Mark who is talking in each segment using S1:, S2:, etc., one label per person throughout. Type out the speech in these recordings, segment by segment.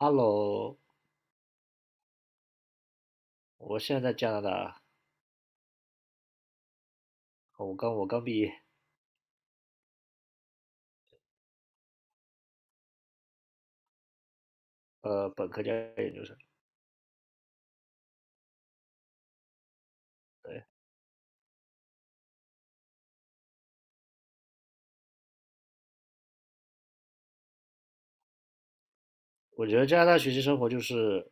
S1: Hello。我现在在加拿大，我刚毕业，本科加研究生。对，我觉得加拿大学习生活就是，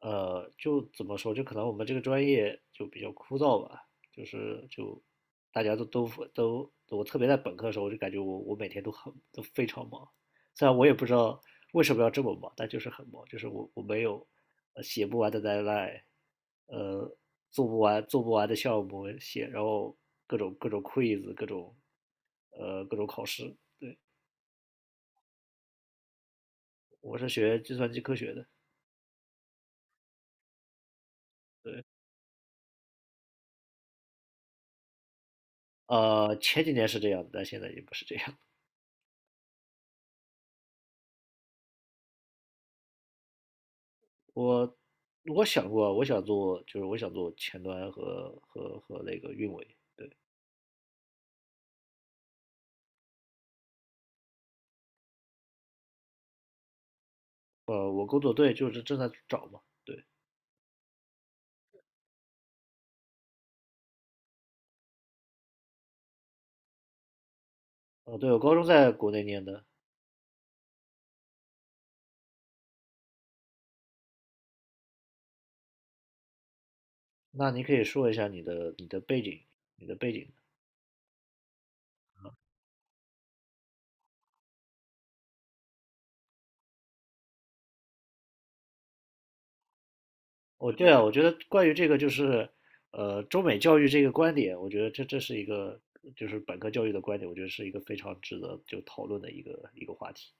S1: 就怎么说，就可能我们这个专业就比较枯燥吧，就是就大家都,我特别在本科的时候，我就感觉我每天都非常忙，虽然我也不知道为什么要这么忙，但就是很忙，就是我没有写不完的 deadline,呃，做不完的项目写，然后各种 quiz,各种。各种考试。对，我是学计算机科学的。对，前几年是这样的，但现在也不是这样。我我想过，我想做，就是我想做前端和那个运维。对。我工作对，就是正在找嘛。对。对，我高中在国内念的。那你可以说一下你的背景，你的背景。哦，对啊，我觉得关于这个就是，中美教育这个观点，我觉得这是一个就是本科教育的观点，我觉得是一个非常值得就讨论的一个话题。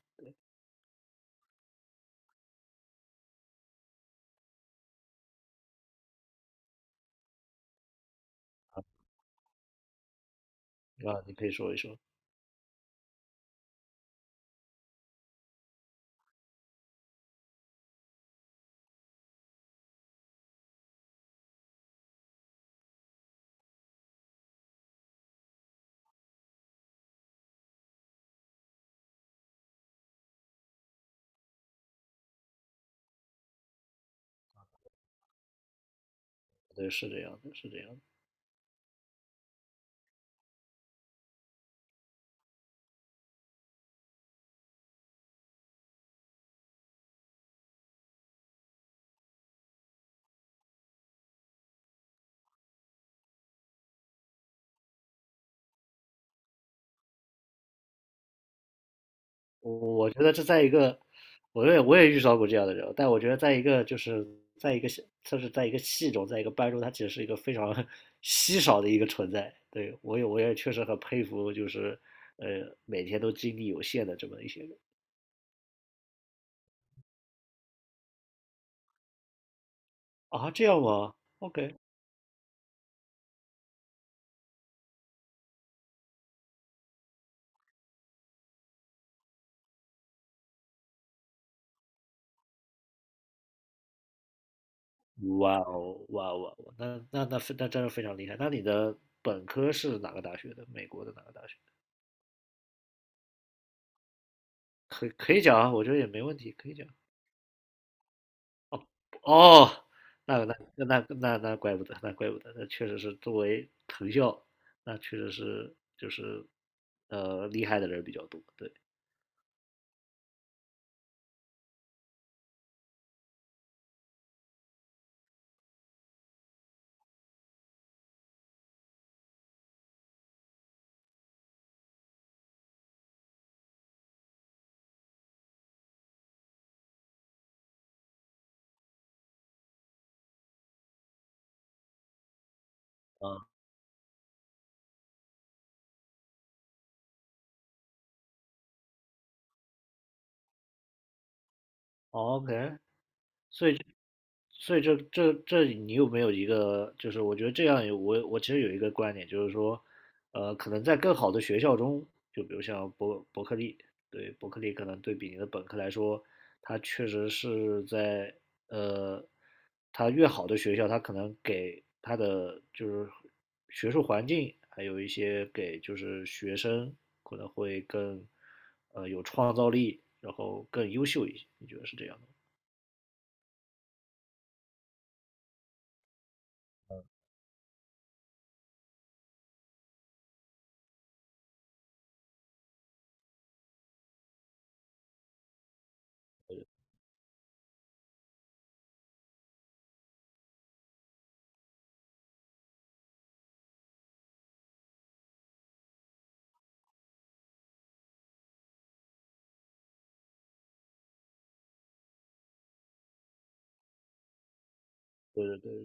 S1: 啊，你可以说一说。对，是这样的，是这样的。我觉得这在一个，我也遇到过这样的人，但我觉得在一个在一个系就是在一个系中，在一个班中，他其实是一个非常 稀少的一个存在。对，我也确实很佩服，就是每天都精力有限的这么一些人。啊，这样吗？OK。哇哦，哇哦，哇哦，那真的非常厉害。那你的本科是哪个大学的？美国的哪个大学？可以可以讲啊，我觉得也没问题，可以讲。哦，那怪不得，那怪不得，那确实是作为藤校，那确实是就是厉害的人比较多。对。啊，OK。所以所以这这这你有没有一个，就是我觉得这样有我其实有一个观点，就是说，可能在更好的学校中，就比如像伯克利，对，伯克利可能对比你的本科来说，它确实是在，呃，它越好的学校，它可能给它的就是学术环境，还有一些给就是学生可能会更有创造力，然后更优秀一些，你觉得是这样的者。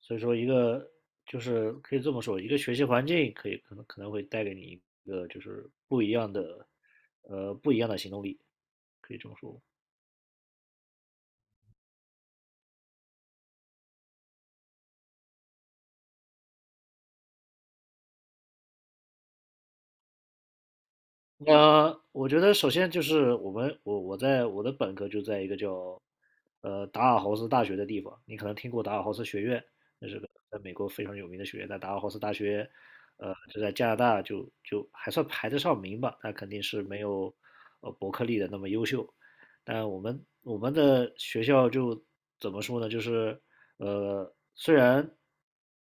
S1: 所以说，一个就是可以这么说，一个学习环境可能会带给你一个就是不一样的，不一样的行动力，可以这么说。那我觉得首先就是我在我的本科就在一个叫达尔豪斯大学的地方，你可能听过达尔豪斯学院，那是个在美国非常有名的学院。在达尔豪斯大学，就在加拿大就还算排得上名吧，但肯定是没有伯克利的那么优秀。但我们的学校就怎么说呢？就是虽然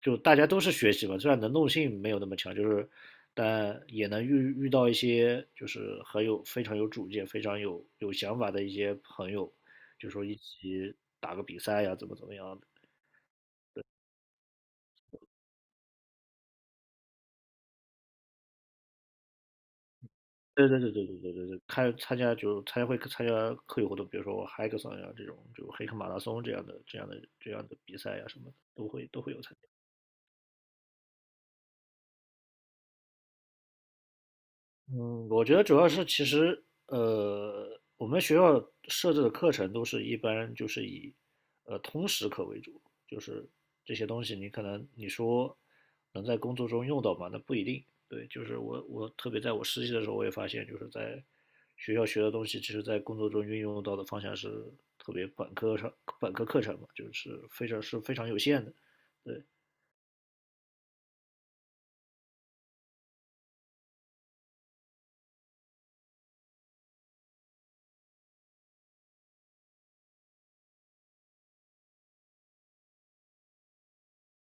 S1: 就大家都是学习嘛，虽然能动性没有那么强，就是但也能遇到一些就是很有，非常有主见、非常有想法的一些朋友，就说一起打个比赛呀，怎么样的。对对对对对对对对，看参加就参加会参加课余活动，比如说我 hackathon 呀这种，就黑客马拉松这样的比赛呀什么的，都会有参加。嗯，我觉得主要是其实，我们学校设置的课程都是一般就是以通识课为主，就是这些东西你可能你说能在工作中用到吗？那不一定。对，就是我特别在我实习的时候，我也发现就是在学校学的东西，其实在工作中运用到的方向是特别本科课程嘛，就是非常是非常有限的。对。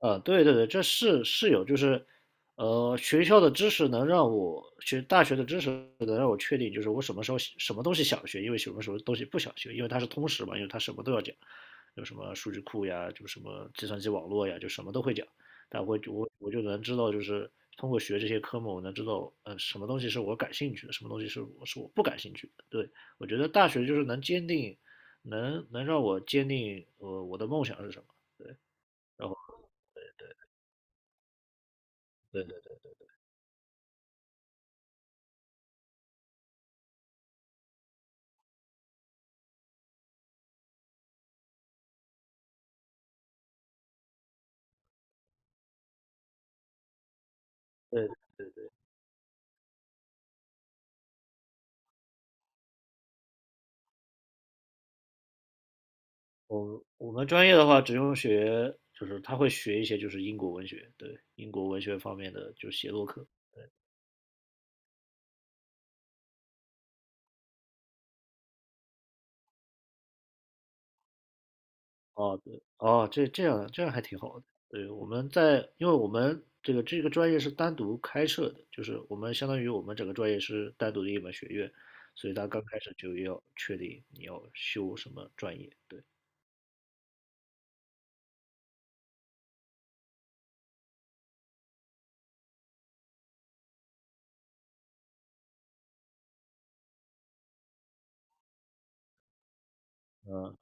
S1: 对对对，这是是有，就是，学校的知识能让我学大学的知识能让我确定，就是我什么时候什么东西想学，因为什么时候东西不想学，因为它是通识嘛，因为它什么都要讲，有什么数据库呀，就什么计算机网络呀，就什么都会讲，但我就能知道，就是通过学这些科目，我能知道，什么东西是我感兴趣的，什么东西是我不感兴趣的。对，我觉得大学就是能能让我坚定，我的梦想是什么，然后对对对。我们专业的话，只用学，就是他会学一些就是英国文学，对，英国文学方面的就是写作课。哦，对，哦，这样还挺好的。对，我们在，因为我们这个专业是单独开设的，就是我们相当于我们整个专业是单独的一门学院，所以他刚开始就要确定你要修什么专业。对。呃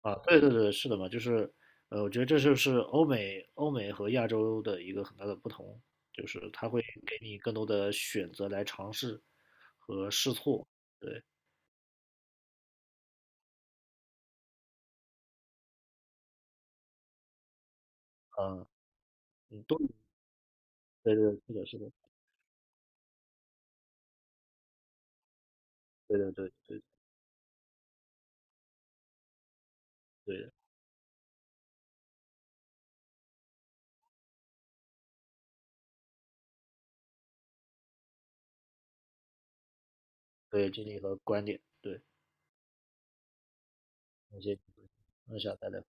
S1: 对对对，是的嘛，就是，我觉得这就是欧美和亚洲的一个很大的不同，就是它会给你更多的选择来尝试和试错。对。嗯，嗯，都，对对，是的，是的。对对对对对对，经历和观点，对。那些，那下再聊。